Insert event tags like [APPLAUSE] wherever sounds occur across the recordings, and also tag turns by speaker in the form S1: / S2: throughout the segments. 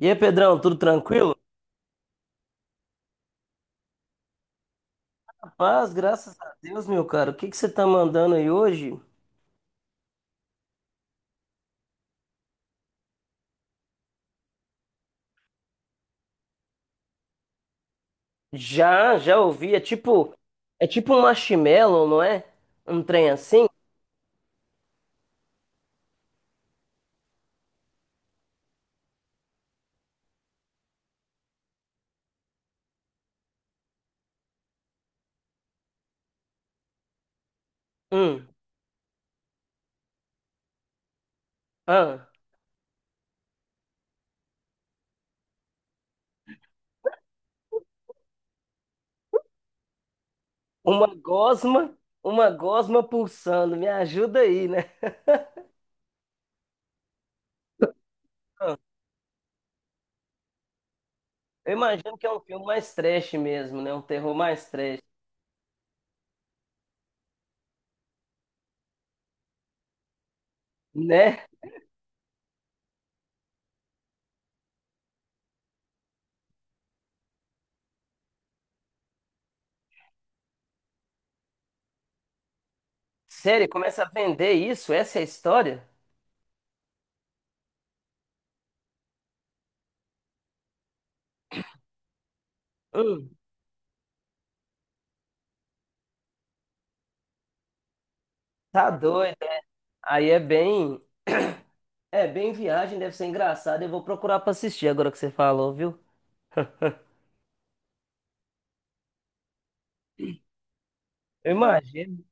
S1: E aí, Pedrão, tudo tranquilo? Paz, graças a Deus, meu cara. O que que você tá mandando aí hoje? Já, já ouvi. É tipo um marshmallow, não é? Um trem assim? Hum, ah, uma gosma, uma gosma pulsando. Me ajuda aí, né? Ah, eu imagino que é um filme mais trash mesmo, né? Um terror mais trash, né? Sério, começa a vender isso? Essa é a história? Hum, tá doido. Aí é bem. É, bem viagem, deve ser engraçado. Eu vou procurar pra assistir agora que você falou, viu? Eu, é, imagino.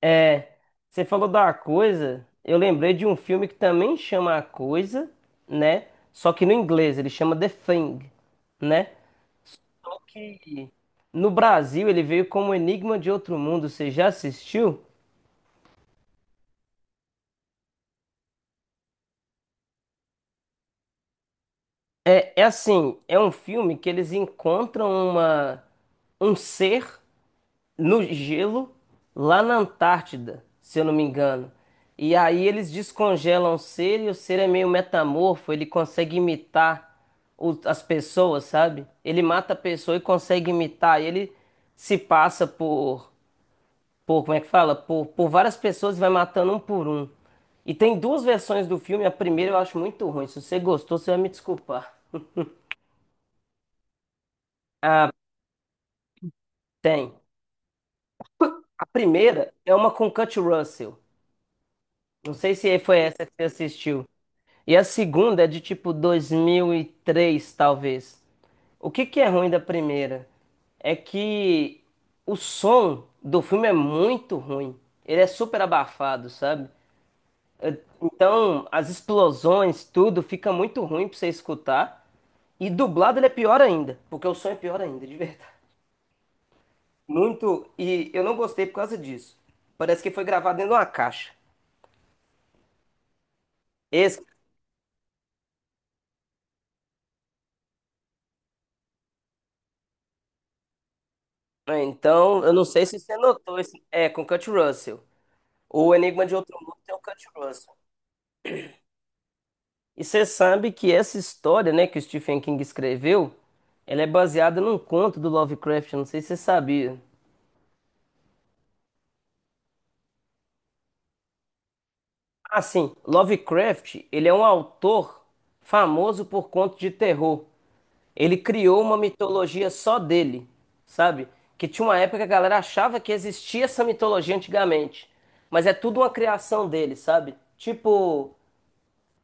S1: É, você falou da coisa. Eu lembrei de um filme que também chama A Coisa, né? Só que no inglês ele chama The Thing, né? Só que no Brasil ele veio como Enigma de Outro Mundo. Você já assistiu? É, é assim, é um filme que eles encontram uma um ser no gelo, lá na Antártida, se eu não me engano. E aí eles descongelam o ser e o ser é meio metamorfo, ele consegue imitar as pessoas, sabe? Ele mata a pessoa e consegue imitar. E ele se passa por como é que fala? Por várias pessoas e vai matando um por um. E tem duas versões do filme. A primeira eu acho muito ruim. Se você gostou, você vai me desculpar. Ah, tem. A primeira é uma com Kurt Russell. Não sei se foi essa que você assistiu. E a segunda é de tipo 2003, talvez. O que que é ruim da primeira? É que o som do filme é muito ruim. Ele é super abafado, sabe? Eh, Então, as explosões, tudo fica muito ruim pra você escutar. E dublado ele é pior ainda, porque o som é pior ainda, de verdade. Muito, e eu não gostei por causa disso. Parece que foi gravado dentro de uma caixa. Esse, é, então, eu não sei se você notou esse, é com Kurt Russell. O Enigma de Outro Mundo tem o Kurt Russell. E você sabe que essa história, né, que o Stephen King escreveu, ela é baseada num conto do Lovecraft, eu não sei se você sabia. Ah, sim, Lovecraft, ele é um autor famoso por contos de terror. Ele criou uma mitologia só dele, sabe? Que tinha uma época que a galera achava que existia essa mitologia antigamente, mas é tudo uma criação dele, sabe? Tipo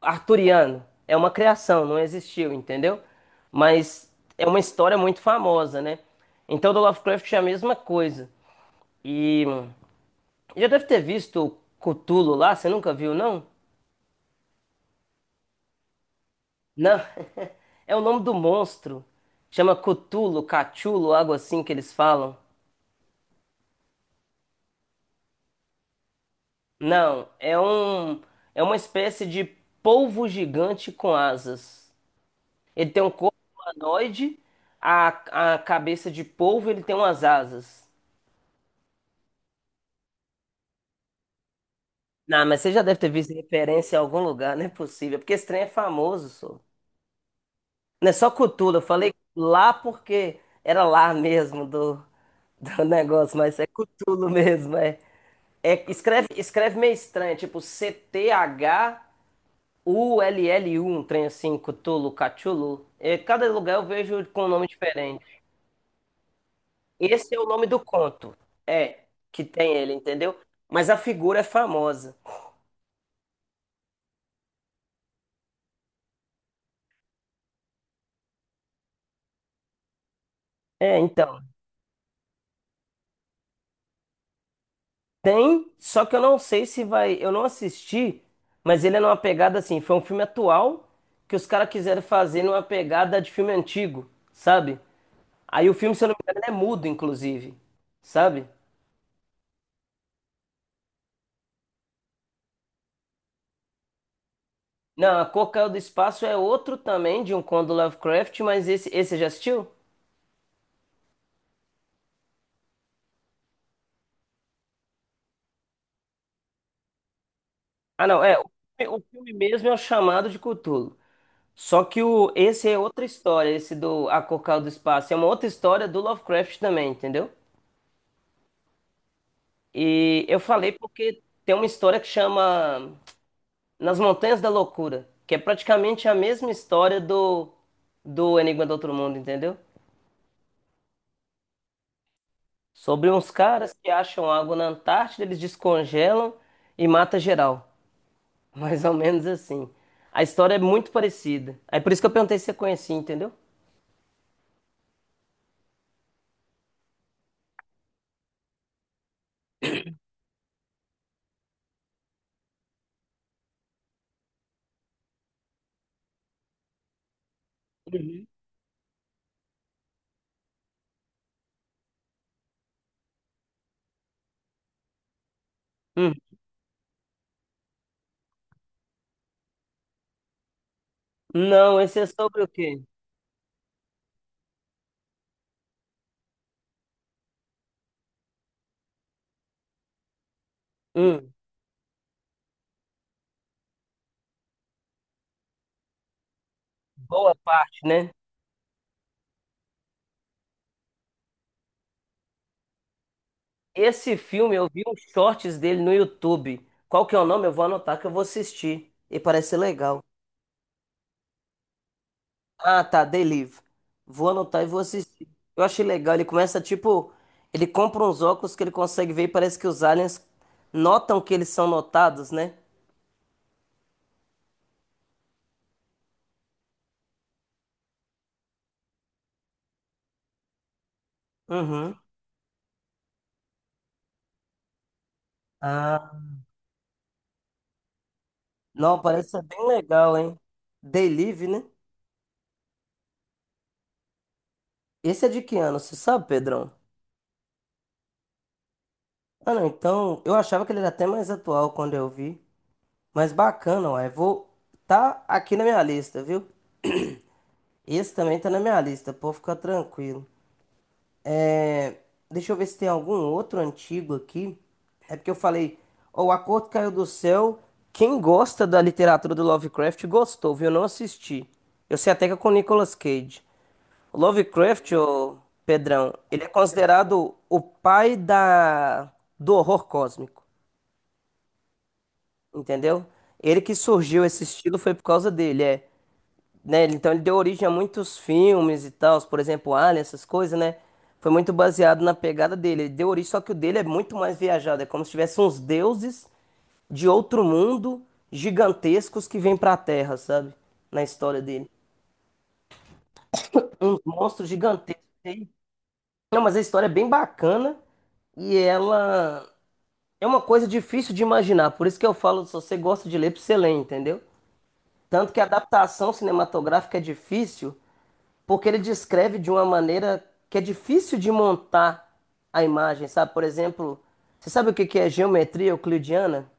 S1: arturiano. É uma criação, não existiu, entendeu? Mas é uma história muito famosa, né? Então, do Lovecraft é a mesma coisa. E já deve ter visto o Cthulhu lá, você nunca viu, não? Não, [LAUGHS] é o nome do monstro. Chama Cthulhu, Cachulo, algo assim que eles falam. Não, é uma espécie de polvo gigante com asas. Ele tem um corpo humanoide, a cabeça de polvo, ele tem umas asas. Não, mas você já deve ter visto referência em algum lugar, não é possível, porque esse trem é famoso, só. Não é só Cthulhu, eu falei lá porque era lá mesmo do [LAUGHS] negócio, mas é Cthulhu mesmo, é. É, escreve meio estranho, tipo Cthullu, um trem assim, Cthulhu, Cthulhu. É, cada lugar eu vejo com um nome diferente. Esse é o nome do conto, é, que tem ele, entendeu? Mas a figura é famosa. É, então. Tem, só que eu não sei se vai. Eu não assisti, mas ele é numa pegada assim. Foi um filme atual que os caras quiseram fazer numa pegada de filme antigo, sabe? Aí o filme, se eu não me engano, ele é mudo, inclusive, sabe? Não, A Cor Caiu do Espaço é outro também de um conto do Lovecraft, mas esse você já assistiu? Ah, não, é. O filme mesmo é o Chamado de Cthulhu. Só que esse é outra história, esse do A Cor Caiu do Espaço. É uma outra história do Lovecraft também, entendeu? E eu falei porque tem uma história que chama Nas Montanhas da Loucura, que é praticamente a mesma história do Enigma do Outro Mundo, entendeu? Sobre uns caras que acham água na Antártida, eles descongelam e mata geral. [LAUGHS] Mais ou menos assim. A história é muito parecida. Aí por isso que eu perguntei se você conhecia, entendeu? Uhum. Hum. Não, esse é sobre o quê? Hum. Boa parte, né? Esse filme, eu vi uns shorts dele no YouTube. Qual que é o nome? Eu vou anotar que eu vou assistir. E parece ser legal. Ah, tá, Delive. Vou anotar e vou assistir. Eu achei legal. Ele começa, tipo, ele compra uns óculos que ele consegue ver e parece que os aliens notam que eles são notados, né? Uhum. Ah, não, parece ser bem legal, hein? Delive, né? Esse é de que ano? Você sabe, Pedrão? Ah, não, então, eu achava que ele era até mais atual quando eu vi. Mas bacana, ué. Vou. Tá aqui na minha lista, viu? Esse também tá na minha lista, pode ficar tranquilo. É... Deixa eu ver se tem algum outro antigo aqui. É porque eu falei, ó, O Acordo Caiu do Céu. Quem gosta da literatura do Lovecraft gostou, viu? Eu não assisti. Eu sei até que é com Nicolas Cage. O Lovecraft, ô Pedrão, ele é considerado o pai da... Do horror cósmico, entendeu? Ele que surgiu esse estilo foi por causa dele, é, né? Então ele deu origem a muitos filmes e tal, por exemplo, Alien, essas coisas, né? Foi muito baseado na pegada dele. Ele deu origem, só que o dele é muito mais viajado. É como se tivesse uns deuses de outro mundo gigantescos que vêm pra Terra, sabe? Na história dele. Uns monstros gigantescos. Hein? Não, mas a história é bem bacana e ela é uma coisa difícil de imaginar. Por isso que eu falo, se você gosta de ler, pra você ler, entendeu? Tanto que a adaptação cinematográfica é difícil. Porque ele descreve de uma maneira que é difícil de montar a imagem, sabe? Por exemplo, você sabe o que que é geometria euclidiana?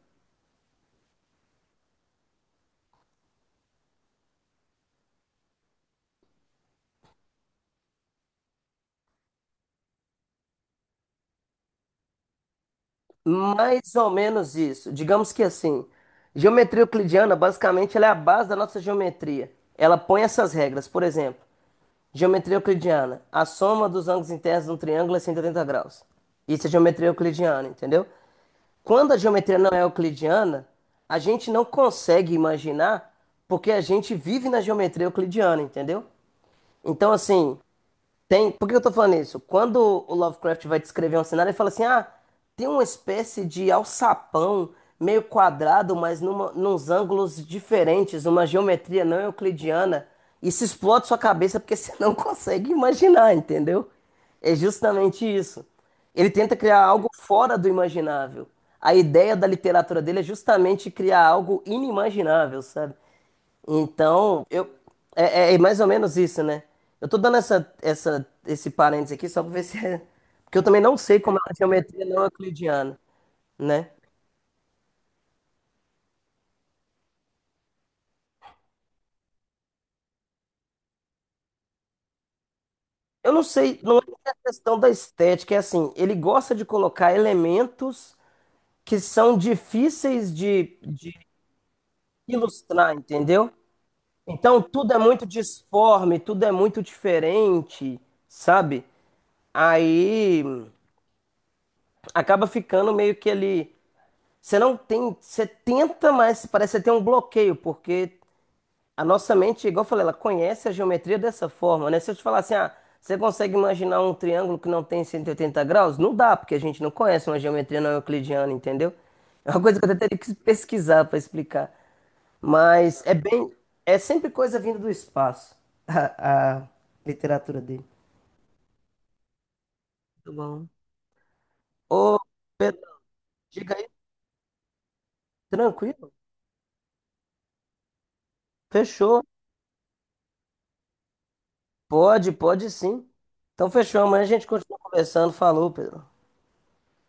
S1: Mais ou menos isso. Digamos que assim, geometria euclidiana, basicamente, ela é a base da nossa geometria. Ela põe essas regras. Por exemplo, geometria euclidiana, a soma dos ângulos internos de um triângulo é 180 graus. Isso é geometria euclidiana, entendeu? Quando a geometria não é euclidiana, a gente não consegue imaginar porque a gente vive na geometria euclidiana, entendeu? Então, assim, tem, por que eu tô falando isso? Quando o Lovecraft vai descrever um cenário, ele fala assim: ah, tem uma espécie de alçapão meio quadrado, mas nos ângulos diferentes, uma geometria não euclidiana. Isso explode sua cabeça porque você não [LAUGHS] consegue imaginar, entendeu? É justamente isso. Ele tenta criar algo fora do imaginável. A ideia da literatura dele é justamente criar algo inimaginável, sabe? Então, eu é, é é mais ou menos isso, né? Eu tô dando esse parênteses aqui só pra ver se é. Porque eu também não sei como é a geometria não euclidiana, né? Eu não sei, não é nem a questão da estética, é assim, ele gosta de colocar elementos que são difíceis de ilustrar, entendeu? Então tudo é muito disforme, tudo é muito diferente, sabe? Aí acaba ficando meio que ele. Você não tem, você tenta, mas parece que você tem um bloqueio, porque a nossa mente, igual eu falei, ela conhece a geometria dessa forma, né? Se eu te falar assim, ah, você consegue imaginar um triângulo que não tem 180 graus? Não dá, porque a gente não conhece uma geometria não euclidiana, entendeu? É uma coisa que eu até teria que pesquisar para explicar. Mas é sempre coisa vinda do espaço, [LAUGHS] a literatura dele. Muito bom. Ô, Pedro, diga aí, tranquilo? Fechou. Pode, pode sim. Então fechou, amanhã a gente continua conversando. Falou, Pedro.